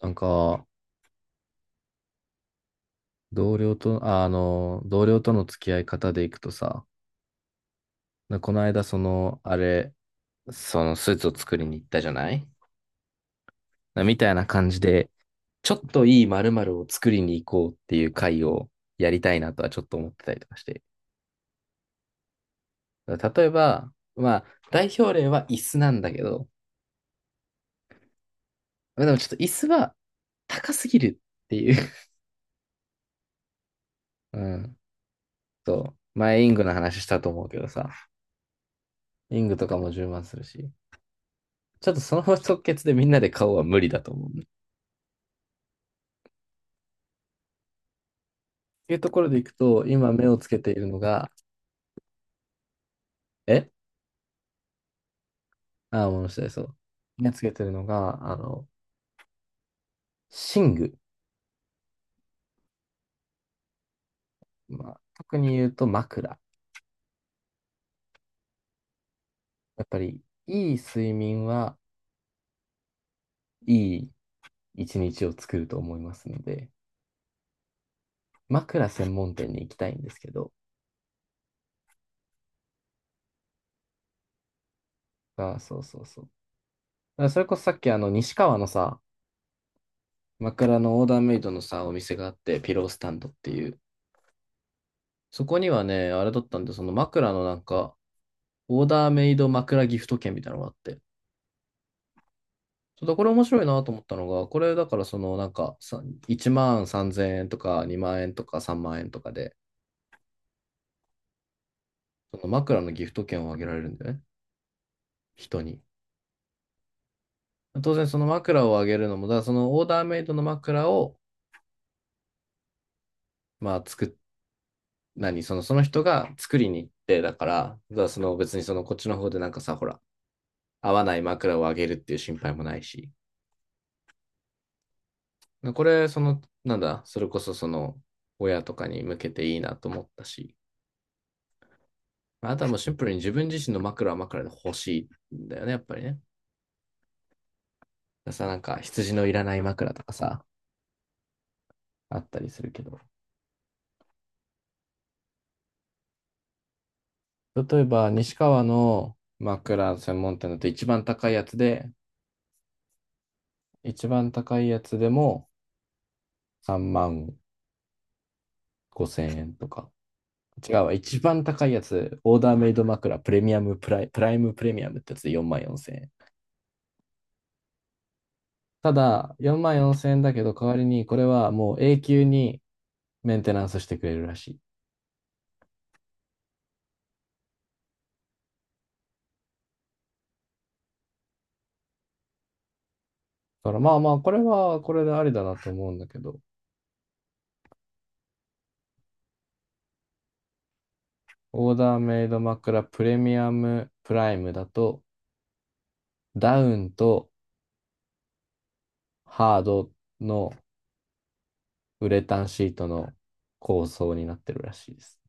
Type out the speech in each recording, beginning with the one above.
なんか、同僚と、同僚との付き合い方でいくとさ、この間、その、あれ、そのスーツを作りに行ったじゃないなみたいな感じで、ちょっといい〇〇を作りに行こうっていう会をやりたいなとはちょっと思ってたりとかして。だから例えば、まあ、代表例は椅子なんだけど、まあでもちょっと椅子は高すぎるっていう。うん。そう。前、イングの話したと思うけどさ、イングとかも10万するし。ちょっとその即決でみんなで買おうは無理だと思う。いうところでいくと、今目をつけているのが、えもう下です。そう。目をつけているのが、寝具。まあ、特に言うと枕。やっぱり、いい睡眠はいい一日を作ると思いますので、枕専門店に行きたいんですけど、あ、そうそうそう。だからそれこそさっき西川のさ、枕のオーダーメイドのさ、お店があって、ピロースタンドっていう。そこにはね、あれだったんで、その枕のなんか、オーダーメイド枕ギフト券みたいなのがあって、そうだ、これ面白いなと思ったのが、これだからそのなんかさ1万3000円とか2万円とか3万円とかで、その枕のギフト券をあげられるんだよね、人に。当然その枕をあげるのも、だからそのオーダーメイドの枕を、まあ作っ、何、その、その人が作りに行って、だからその別にそのこっちの方でなんかさ、ほら、合わない枕をあげるっていう心配もないし、これ、その、なんだ、それこそその、親とかに向けていいなと思ったし、まあとはもうシンプルに自分自身の枕は枕で欲しいんだよね、やっぱりね。なんか羊のいらない枕とかさ、あったりするけど。例えば、西川の枕専門店だと一番高いやつで、一番高いやつでも3万5千円とか。違うわ、一番高いやつ、オーダーメイド枕プレミアムプライ、プライムプレミアムってやつで4万4千円。ただ、4万4千円だけど、代わりにこれはもう永久にメンテナンスしてくれるらしい。だからまあまあ、これはこれでありだなと思うんだけど、オーダーメイド枕プレミアムプライムだと、ダウンとハードのウレタンシートの構想になってるらしいです。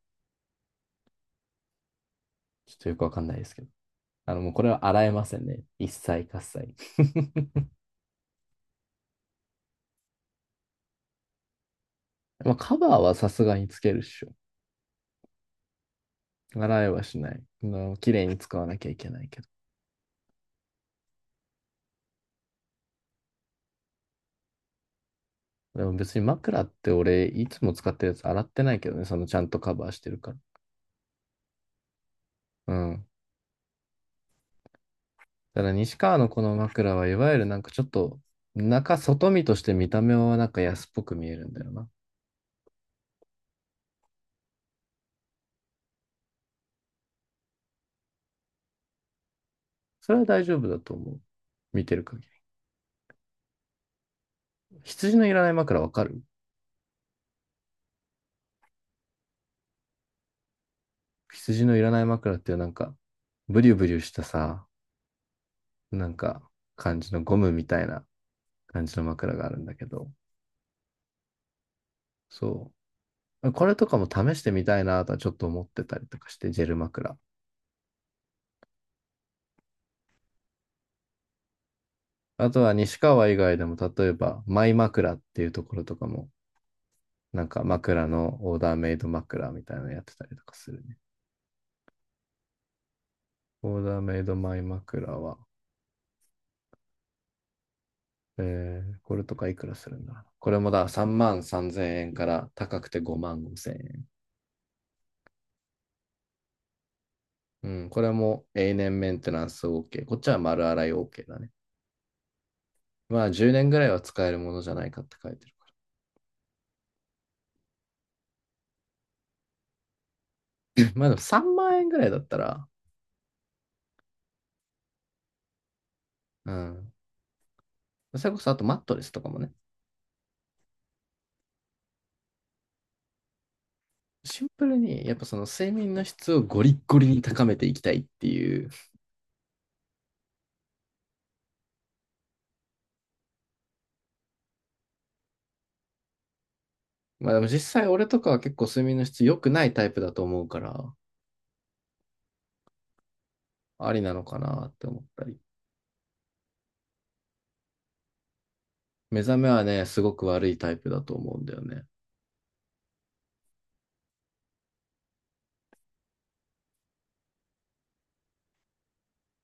ちょっとよくわかんないですけど。あの、もうこれは洗えませんね。一切喝采。まあ、カバーはさすがにつけるっしょ。洗えはしない。綺麗に使わなきゃいけないけど。でも別に枕って俺、いつも使ってるやつ洗ってないけどね。そのちゃんとカバーしてるから。うん。だから西川のこの枕はいわゆるなんかちょっと中外見として見た目はなんか安っぽく見えるんだよな。それは大丈夫だと思う。見てる限り。羊のいらない枕わかる？羊のいらない枕っていうなんかブリュブリュしたさ、なんか感じのゴムみたいな感じの枕があるんだけど、そう。これとかも試してみたいなとはちょっと思ってたりとかして、ジェル枕。あとは西川以外でも例えばマイ枕っていうところとかもなんかオーダーメイド枕みたいなのやってたりとかするね。オーダーメイドマイ枕は、これとかいくらするんだろう。これもだ、3万3000円から高くて5万5000円。うん、これも永年メンテナンス OK。こっちは丸洗い OK だね。まあ10年ぐらいは使えるものじゃないかって書いてるから。まあでも3万円ぐらいだったら、うん。それこそあとマットレスとかもね。シンプルに、やっぱその睡眠の質をゴリッゴリに高めていきたいっていう。まあでも実際俺とかは結構睡眠の質良くないタイプだと思うから、ありなのかなって思ったり。目覚めはね、すごく悪いタイプだと思うんだよね。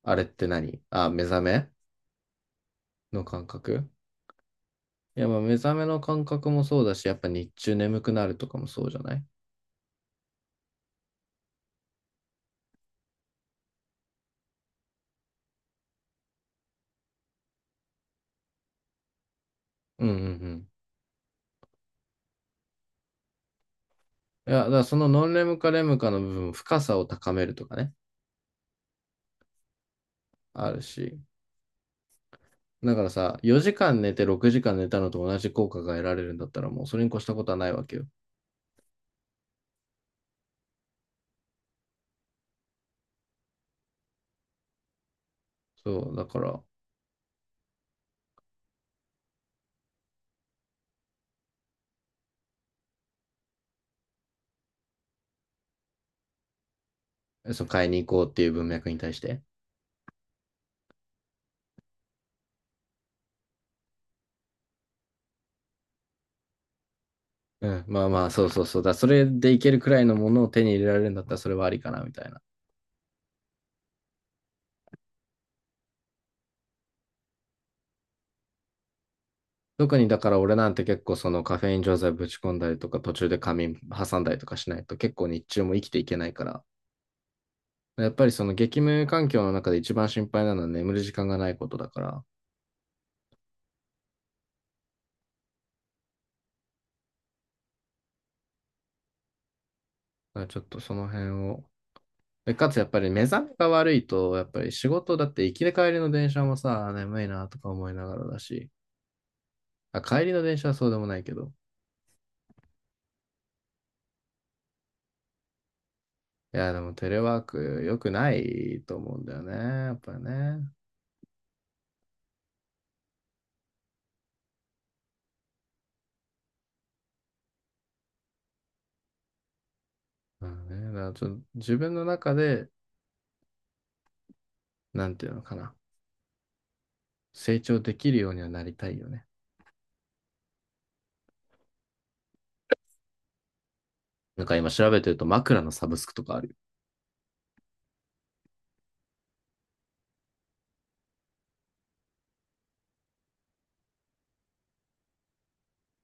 あれって何あ、目覚めの感覚？いや、まあ目覚めの感覚もそうだし、やっぱ日中眠くなるとかもそうじゃない？うんうんうん。いや、だからそのノンレムかレムかの部分、深さを高めるとかね、あるし。だからさ、4時間寝て6時間寝たのと同じ効果が得られるんだったらもうそれに越したことはないわけよ。そう、だから、そう、買いに行こうっていう文脈に対して。うん、そうだ。それでいけるくらいのものを手に入れられるんだったらそれはありかな、みたいな。特にだから俺なんて結構そのカフェイン錠剤ぶち込んだりとか途中で仮眠挟んだりとかしないと結構日中も生きていけないから。やっぱりその激務環境の中で一番心配なのは眠る時間がないことだから。だからちょっとその辺を。で、かつやっぱり目覚めが悪いと、やっぱり仕事だって行きで帰りの電車もさ、眠いなとか思いながらだし、あ、帰りの電車はそうでもないけど。いや、でもテレワーク良くないと思うんだよね。やっぱりね。まあね、だからちょっと自分の中で、なんていうのかな。成長できるようにはなりたいよね。なんか今調べてると枕のサブスクとかあるよ。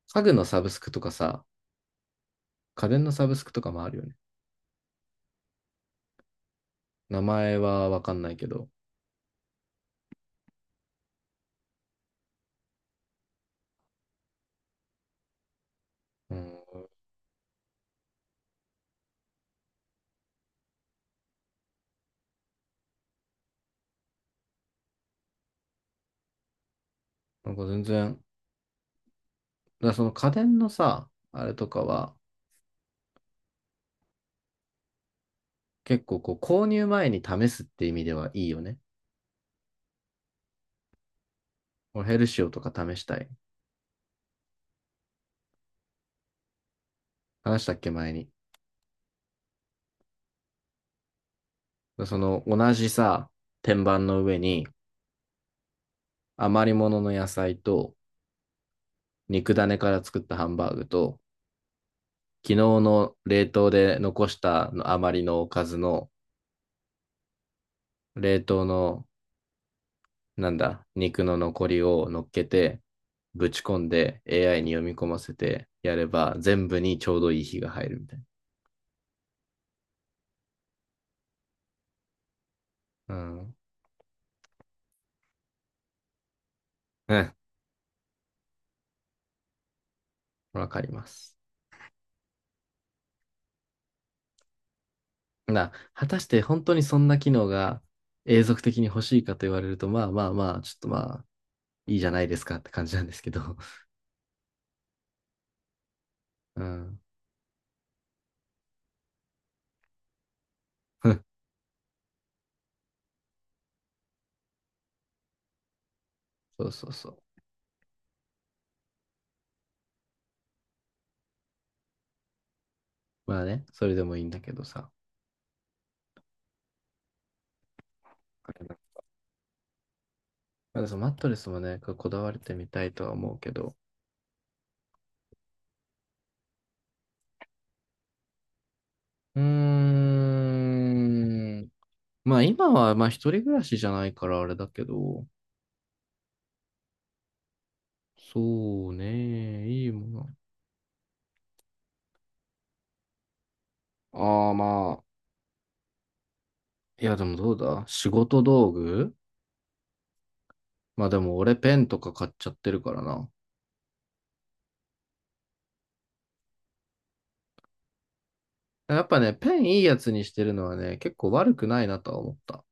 家具のサブスクとかさ、家電のサブスクとかもあるよね。名前はわかんないけど。うん。なんか全然、だからその家電のさ、あれとかは、結構こう購入前に試すって意味ではいいよね。俺ヘルシオとか試したい。話したっけ前に？その同じさ、天板の上に余り物の野菜と肉種から作ったハンバーグと昨日の冷凍で残したの余りのおかずの冷凍のなんだ、肉の残りを乗っけてぶち込んで AI に読み込ませてやれば全部にちょうどいい火が入るみたいな。うん。うん。わかります。果たして本当にそんな機能が永続的に欲しいかと言われると、まあまあまあ、ちょっとまあ、いいじゃないですかって感じなんですけど。うん。そうそうそう。まあね、それでもいいんだけどさ。まだそのマットレスもね、こだわれてみたいとは思うけど。うーん。まあ今は、まあ一人暮らしじゃないからあれだけど。そうね、いいもの。ああまあ、いやでもどうだ仕事道具。まあでも俺ペンとか買っちゃってるからな。やっぱね、ペンいいやつにしてるのはね、結構悪くないなとは思った。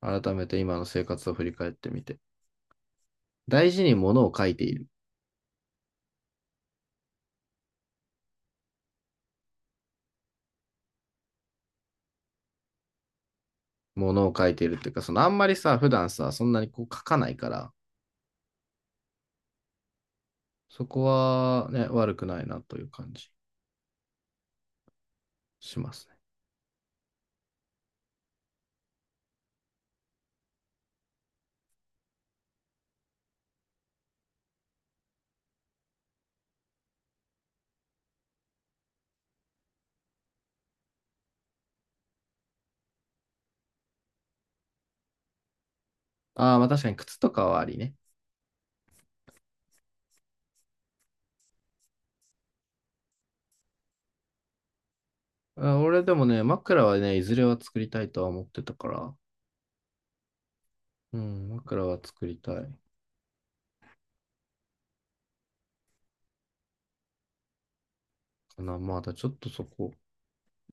改めて今の生活を振り返ってみて。大事に物を書いている。物を書いているっていうか、そのあんまりさ、普段さ、そんなにこう書かないから、そこはね、悪くないなという感じしますね。ああ、まあ確かに靴とかはありね。あ、俺でもね、枕はね、いずれは作りたいとは思ってたから、うん、枕は作りたいかな。まだちょっとそこ。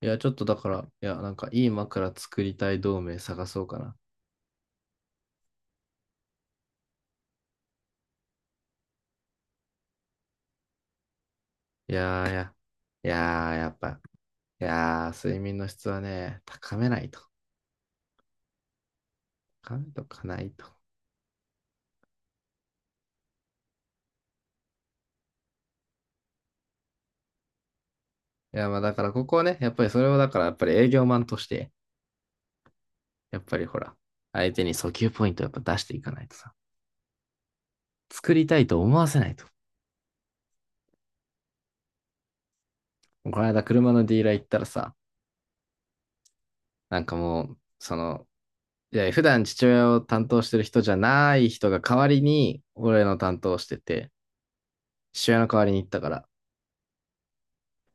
いや、ちょっとだから、いや、なんかいい枕作りたい同盟探そうかな。いやーいや、いやーやっぱいやー、睡眠の質はね、高めないと。高めとかないと。いや、まあだからここはね、やっぱりそれをだからやっぱり営業マンとして、やっぱりほら、相手に訴求ポイントをやっぱ出していかないとさ、作りたいと思わせないと。この間車のディーラー行ったらさ、なんかもう、その、いや、普段父親を担当してる人じゃない人が代わりに、俺の担当してて、父親の代わりに行ったから。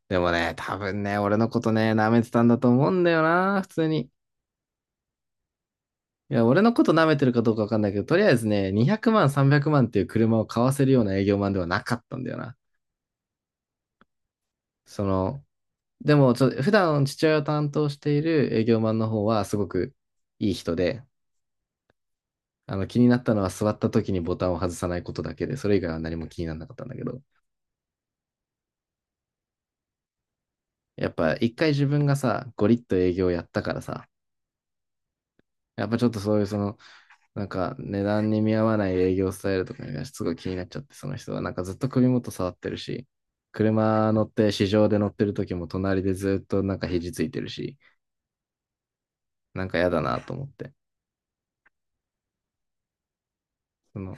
でもね、多分ね、俺のことね、舐めてたんだと思うんだよな、普通に。いや、俺のこと舐めてるかどうかわかんないけど、とりあえずね、200万、300万っていう車を買わせるような営業マンではなかったんだよな。その、でも、ちょっと、普段父親を担当している営業マンの方はすごくいい人で、あの、気になったのは座った時にボタンを外さないことだけで、それ以外は何も気にならなかったんだけど、やっぱ一回自分がさ、ゴリッと営業やったからさ、やっぱちょっとそういうその、なんか値段に見合わない営業スタイルとかがすごい気になっちゃって、その人は。なんかずっと首元触ってるし、車乗って市場で乗ってる時も隣でずっとなんか肘ついてるし、なんか嫌だなと思って。その、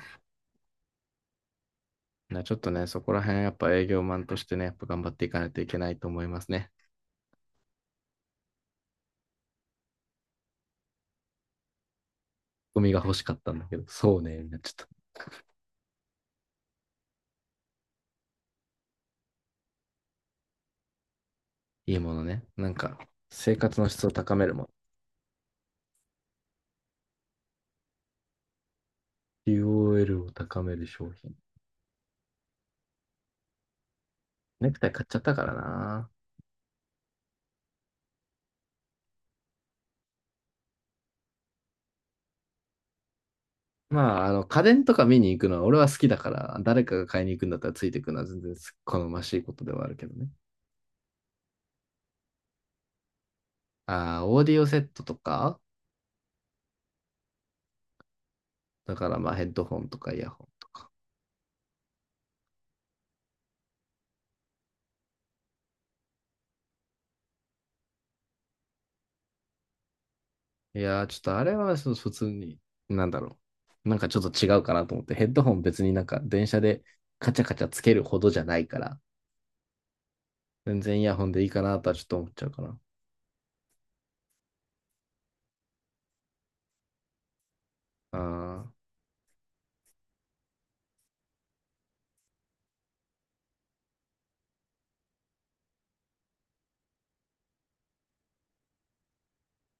なちょっとね、そこら辺やっぱ営業マンとしてね、やっぱ頑張っていかないといけないと思いますね。ゴミが欲しかったんだけど、そうね、みんなちょっといいものね。なんか生活の質を高めるもの。QOL を高める商品。ネクタイ買っちゃったからな。まあ、あの、家電とか見に行くのは俺は好きだから、誰かが買いに行くんだったらついていくのは全然好ましいことではあるけどね。ああ、オーディオセットとか、だからまあヘッドホンとかイヤホンとか。いやー、ちょっとあれはそう普通に、なんだろう。なんかちょっと違うかなと思って、ヘッドホン別になんか電車でカチャカチャつけるほどじゃないから、全然イヤホンでいいかなとはちょっと思っちゃうかな。あ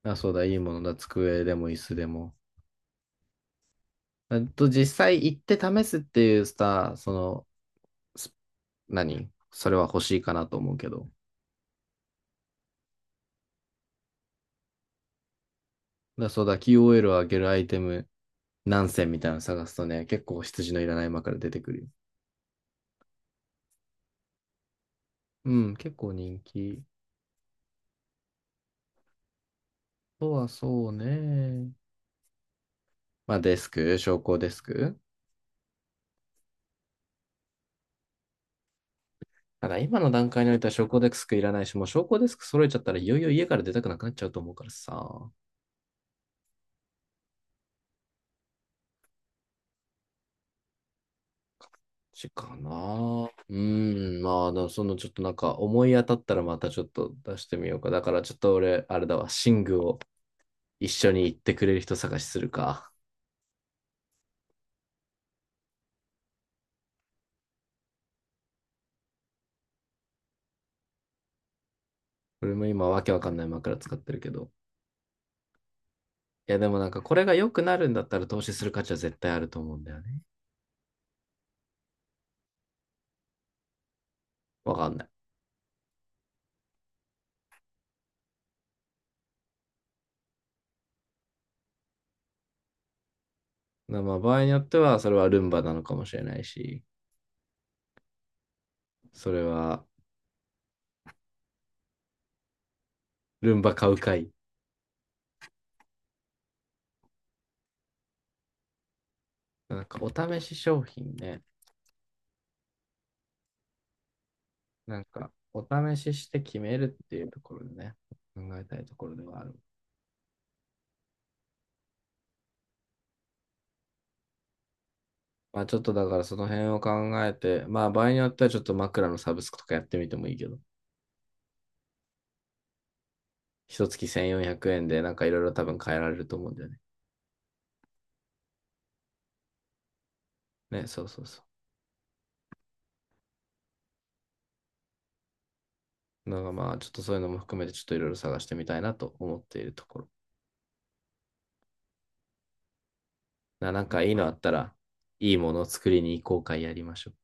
ーあ、そうだ、いいものだ、机でも椅子でも。あと実際行って試すっていうさ、その、ス何それは欲しいかなと思うけど。だそうだ、QOL を上げるアイテム何選みたいなの探すとね、結構羊のいらない間から出てくるよ。うん、結構人気。とはそうね。まあデスク、昇降デスク。ただ今の段階においては昇降デスクいらないし、もう昇降デスク揃えちゃったらいよいよ家から出たくなくなっちゃうと思うからさ。しかな。うん、まあ、もそのちょっとなんか思い当たったらまたちょっと出してみようか。だからちょっと俺、あれだわ、寝具を一緒に行ってくれる人探しするか。俺も今わけわかんない枕使ってるけど。いやでもなんかこれが良くなるんだったら投資する価値は絶対あると思うんだよね。わかんない。まあまあ場合によってはそれはルンバなのかもしれないし、それはルンバ買うかい。なんかお試し商品ね。なんかお試しして決めるっていうところでね、考えたいところではある。まあちょっとだからその辺を考えて、まあ場合によってはちょっと枕のサブスクとかやってみてもいいけど、一月1400円でなんかいろいろ多分変えられると思うんだよね。ね、そうそうそう。のが、まあ、ちょっとそういうのも含めて、ちょっといろいろ探してみたいなと思っているところ。ななんかいいのあったら、いいものを作りに行こうかやりましょう。